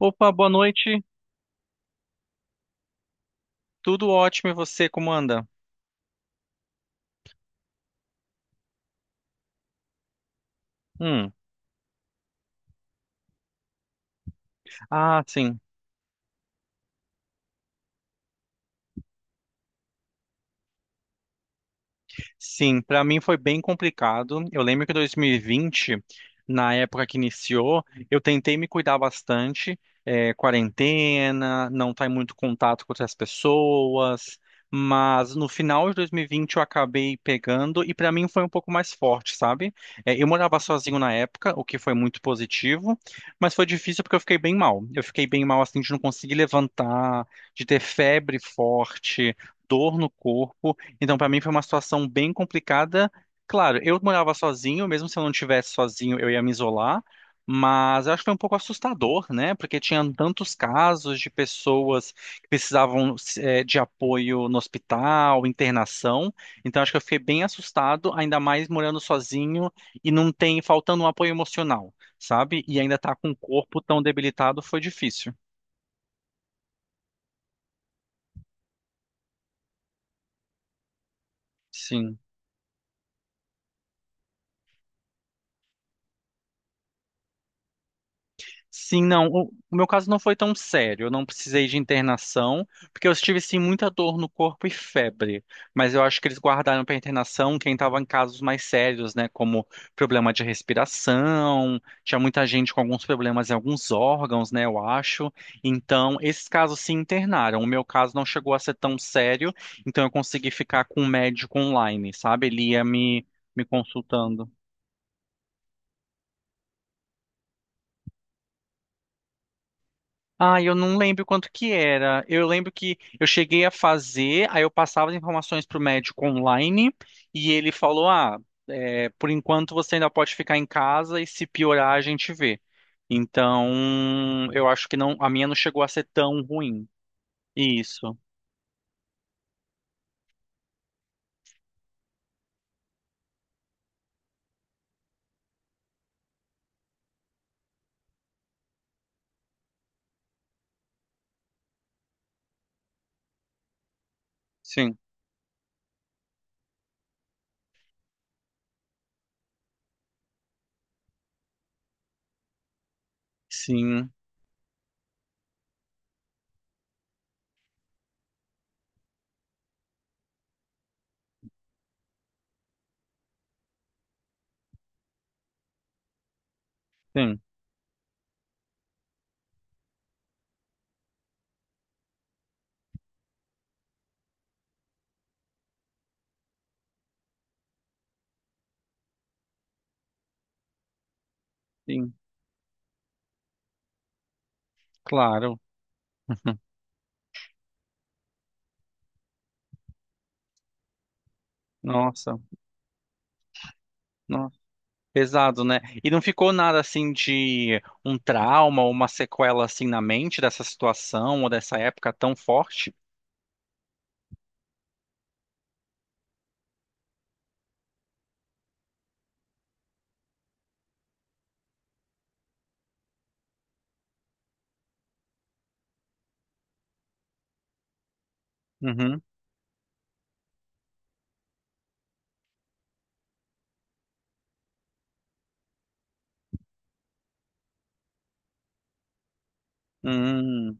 Opa, boa noite. Tudo ótimo e você, como anda? Hum. Ah, sim. Sim, para mim foi bem complicado. Eu lembro que 2020, na época que iniciou, eu tentei me cuidar bastante, quarentena, não estar em muito contato com outras pessoas, mas no final de 2020 eu acabei pegando e para mim foi um pouco mais forte, sabe? É, eu morava sozinho na época, o que foi muito positivo, mas foi difícil porque eu fiquei bem mal. Eu fiquei bem mal assim de não conseguir levantar, de ter febre forte. Dor no corpo, então, para mim foi uma situação bem complicada. Claro, eu morava sozinho, mesmo se eu não tivesse sozinho, eu ia me isolar, mas eu acho que foi um pouco assustador, né? Porque tinha tantos casos de pessoas que precisavam de apoio no hospital, internação. Então, acho que eu fiquei bem assustado, ainda mais morando sozinho e não tem, faltando um apoio emocional, sabe? E ainda estar com o corpo tão debilitado foi difícil. Sim. Sim, não. O meu caso não foi tão sério. Eu não precisei de internação, porque eu tive sim muita dor no corpo e febre. Mas eu acho que eles guardaram para internação quem estava em casos mais sérios, né? Como problema de respiração, tinha muita gente com alguns problemas em alguns órgãos, né? Eu acho. Então, esses casos se internaram. O meu caso não chegou a ser tão sério, então eu consegui ficar com um médico online, sabe? Ele ia me consultando. Ah, eu não lembro quanto que era. Eu lembro que eu cheguei a fazer, aí eu passava as informações para o médico online e ele falou: Ah, é, por enquanto você ainda pode ficar em casa e se piorar a gente vê. Então, eu acho que não, a minha não chegou a ser tão ruim. Isso. Sim, sim, sim, sim, claro. Nossa, nossa. Pesado, né? E não ficou nada assim de um trauma ou uma sequela assim na mente dessa situação ou dessa época tão forte? Uhum. Hum.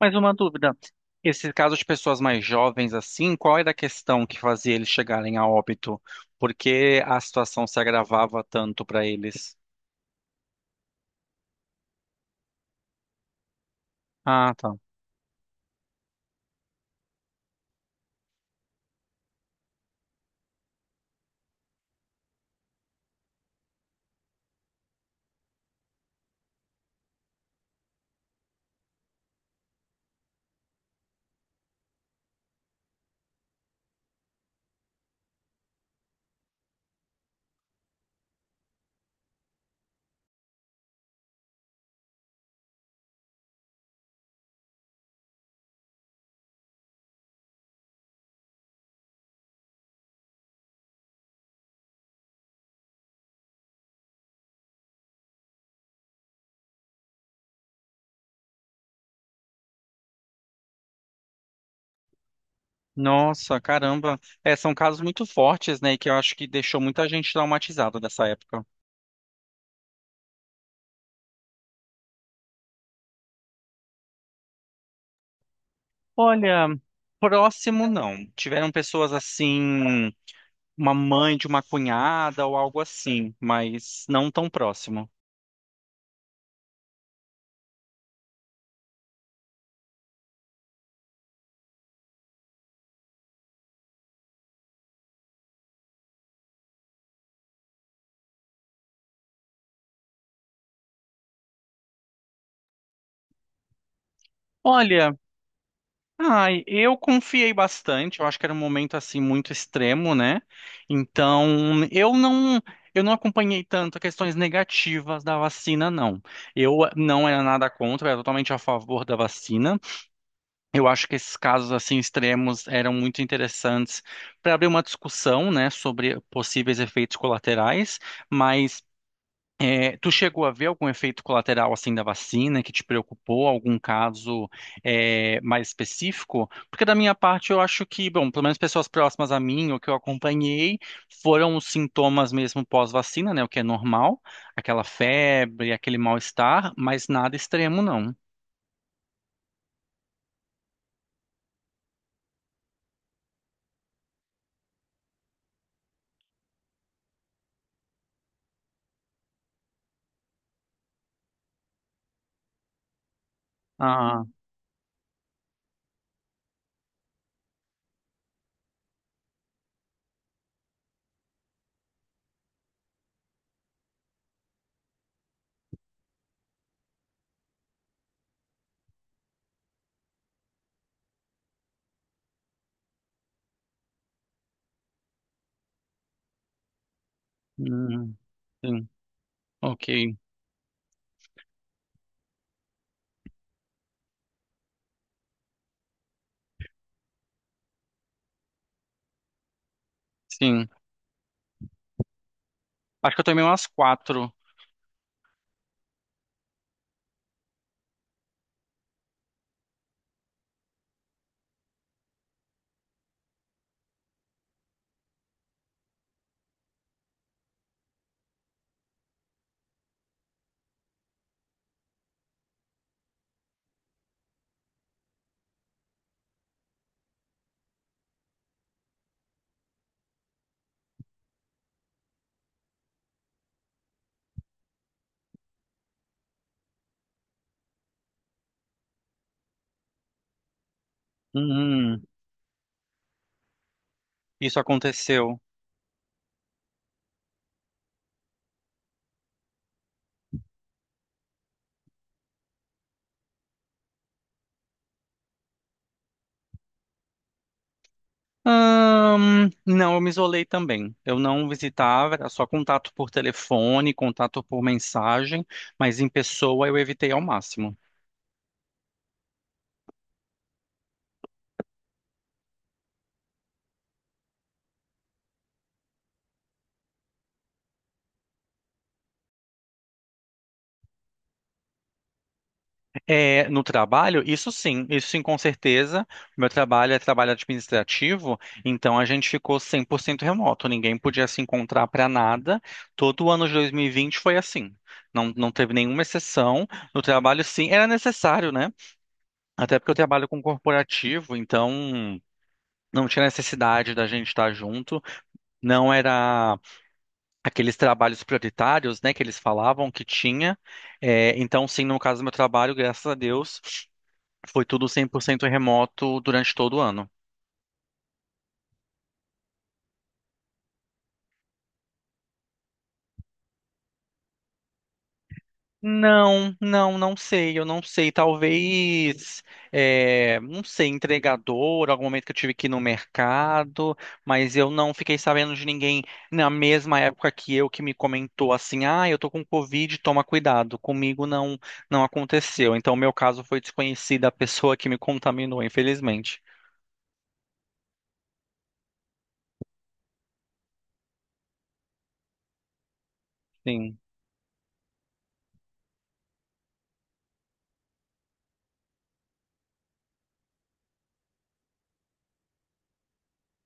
Mas uma dúvida. Esse caso de pessoas mais jovens assim, qual era a questão que fazia eles chegarem a óbito? Por que a situação se agravava tanto para eles? Ah, tá. Nossa, caramba. É, são casos muito fortes, né? E que eu acho que deixou muita gente traumatizada dessa época. Olha, próximo não. Tiveram pessoas assim, uma mãe de uma cunhada ou algo assim, mas não tão próximo. Olha, ai, eu confiei bastante, eu acho que era um momento assim muito extremo, né? Então, eu não eu não acompanhei tanto questões negativas da vacina, não. Eu não era nada contra, eu era totalmente a favor da vacina. Eu acho que esses casos assim extremos eram muito interessantes para abrir uma discussão, né, sobre possíveis efeitos colaterais. Mas tu chegou a ver algum efeito colateral assim da vacina que te preocupou? Algum caso mais específico? Porque da minha parte eu acho que, bom, pelo menos pessoas próximas a mim ou que eu acompanhei foram os sintomas mesmo pós-vacina, né, o que é normal, aquela febre, aquele mal-estar, mas nada extremo não. Ah, hum, sim, ok, sim. Acho que eu tomei umas quatro. Uhum, isso aconteceu. Não, eu me isolei também. Eu não visitava, era só contato por telefone, contato por mensagem, mas em pessoa eu evitei ao máximo. É, no trabalho, isso sim, isso sim, com certeza. Meu trabalho é trabalho administrativo, então a gente ficou 100% remoto, ninguém podia se encontrar para nada. Todo o ano de 2020 foi assim. Não, não teve nenhuma exceção. No trabalho, sim, era necessário, né? Até porque eu trabalho com corporativo, então não tinha necessidade da gente estar junto. Não era aqueles trabalhos prioritários, né, que eles falavam que tinha. É, então, sim, no caso do meu trabalho, graças a Deus, foi tudo 100% remoto durante todo o ano. Não, não, não sei, eu não sei. Talvez, não sei, entregador, algum momento que eu tive que ir no mercado, mas eu não fiquei sabendo de ninguém na mesma época que eu que me comentou assim, ah, eu tô com Covid, toma cuidado. Comigo não, não aconteceu. Então, o meu caso foi desconhecida a pessoa que me contaminou, infelizmente. Sim,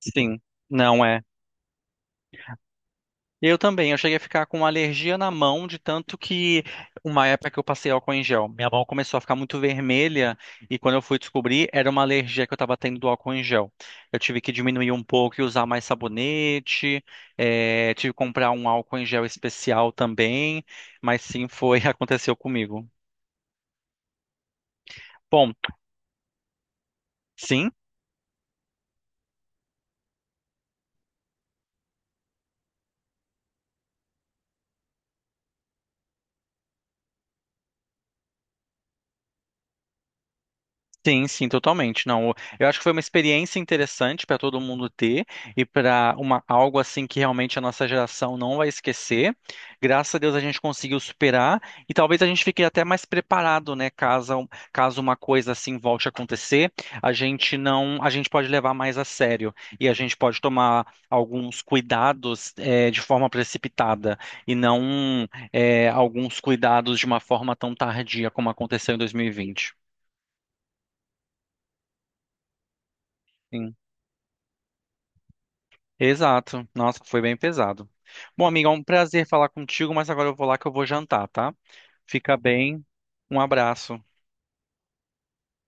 sim, não é. Eu também, eu cheguei a ficar com alergia na mão, de tanto que uma época que eu passei álcool em gel, minha mão começou a ficar muito vermelha e quando eu fui descobrir, era uma alergia que eu estava tendo do álcool em gel. Eu tive que diminuir um pouco e usar mais sabonete, tive que comprar um álcool em gel especial também, mas sim, foi, aconteceu comigo. Bom, sim. Sim, sim, totalmente. Não, eu acho que foi uma experiência interessante para todo mundo ter e para uma algo assim que realmente a nossa geração não vai esquecer. Graças a Deus a gente conseguiu superar e talvez a gente fique até mais preparado, né, caso uma coisa assim volte a acontecer, a gente não, a gente pode levar mais a sério e a gente pode tomar alguns cuidados de forma precipitada e não alguns cuidados de uma forma tão tardia como aconteceu em 2020. Sim. Exato. Nossa, foi bem pesado. Bom, amiga, é um prazer falar contigo, mas agora eu vou lá que eu vou jantar, tá? Fica bem. Um abraço.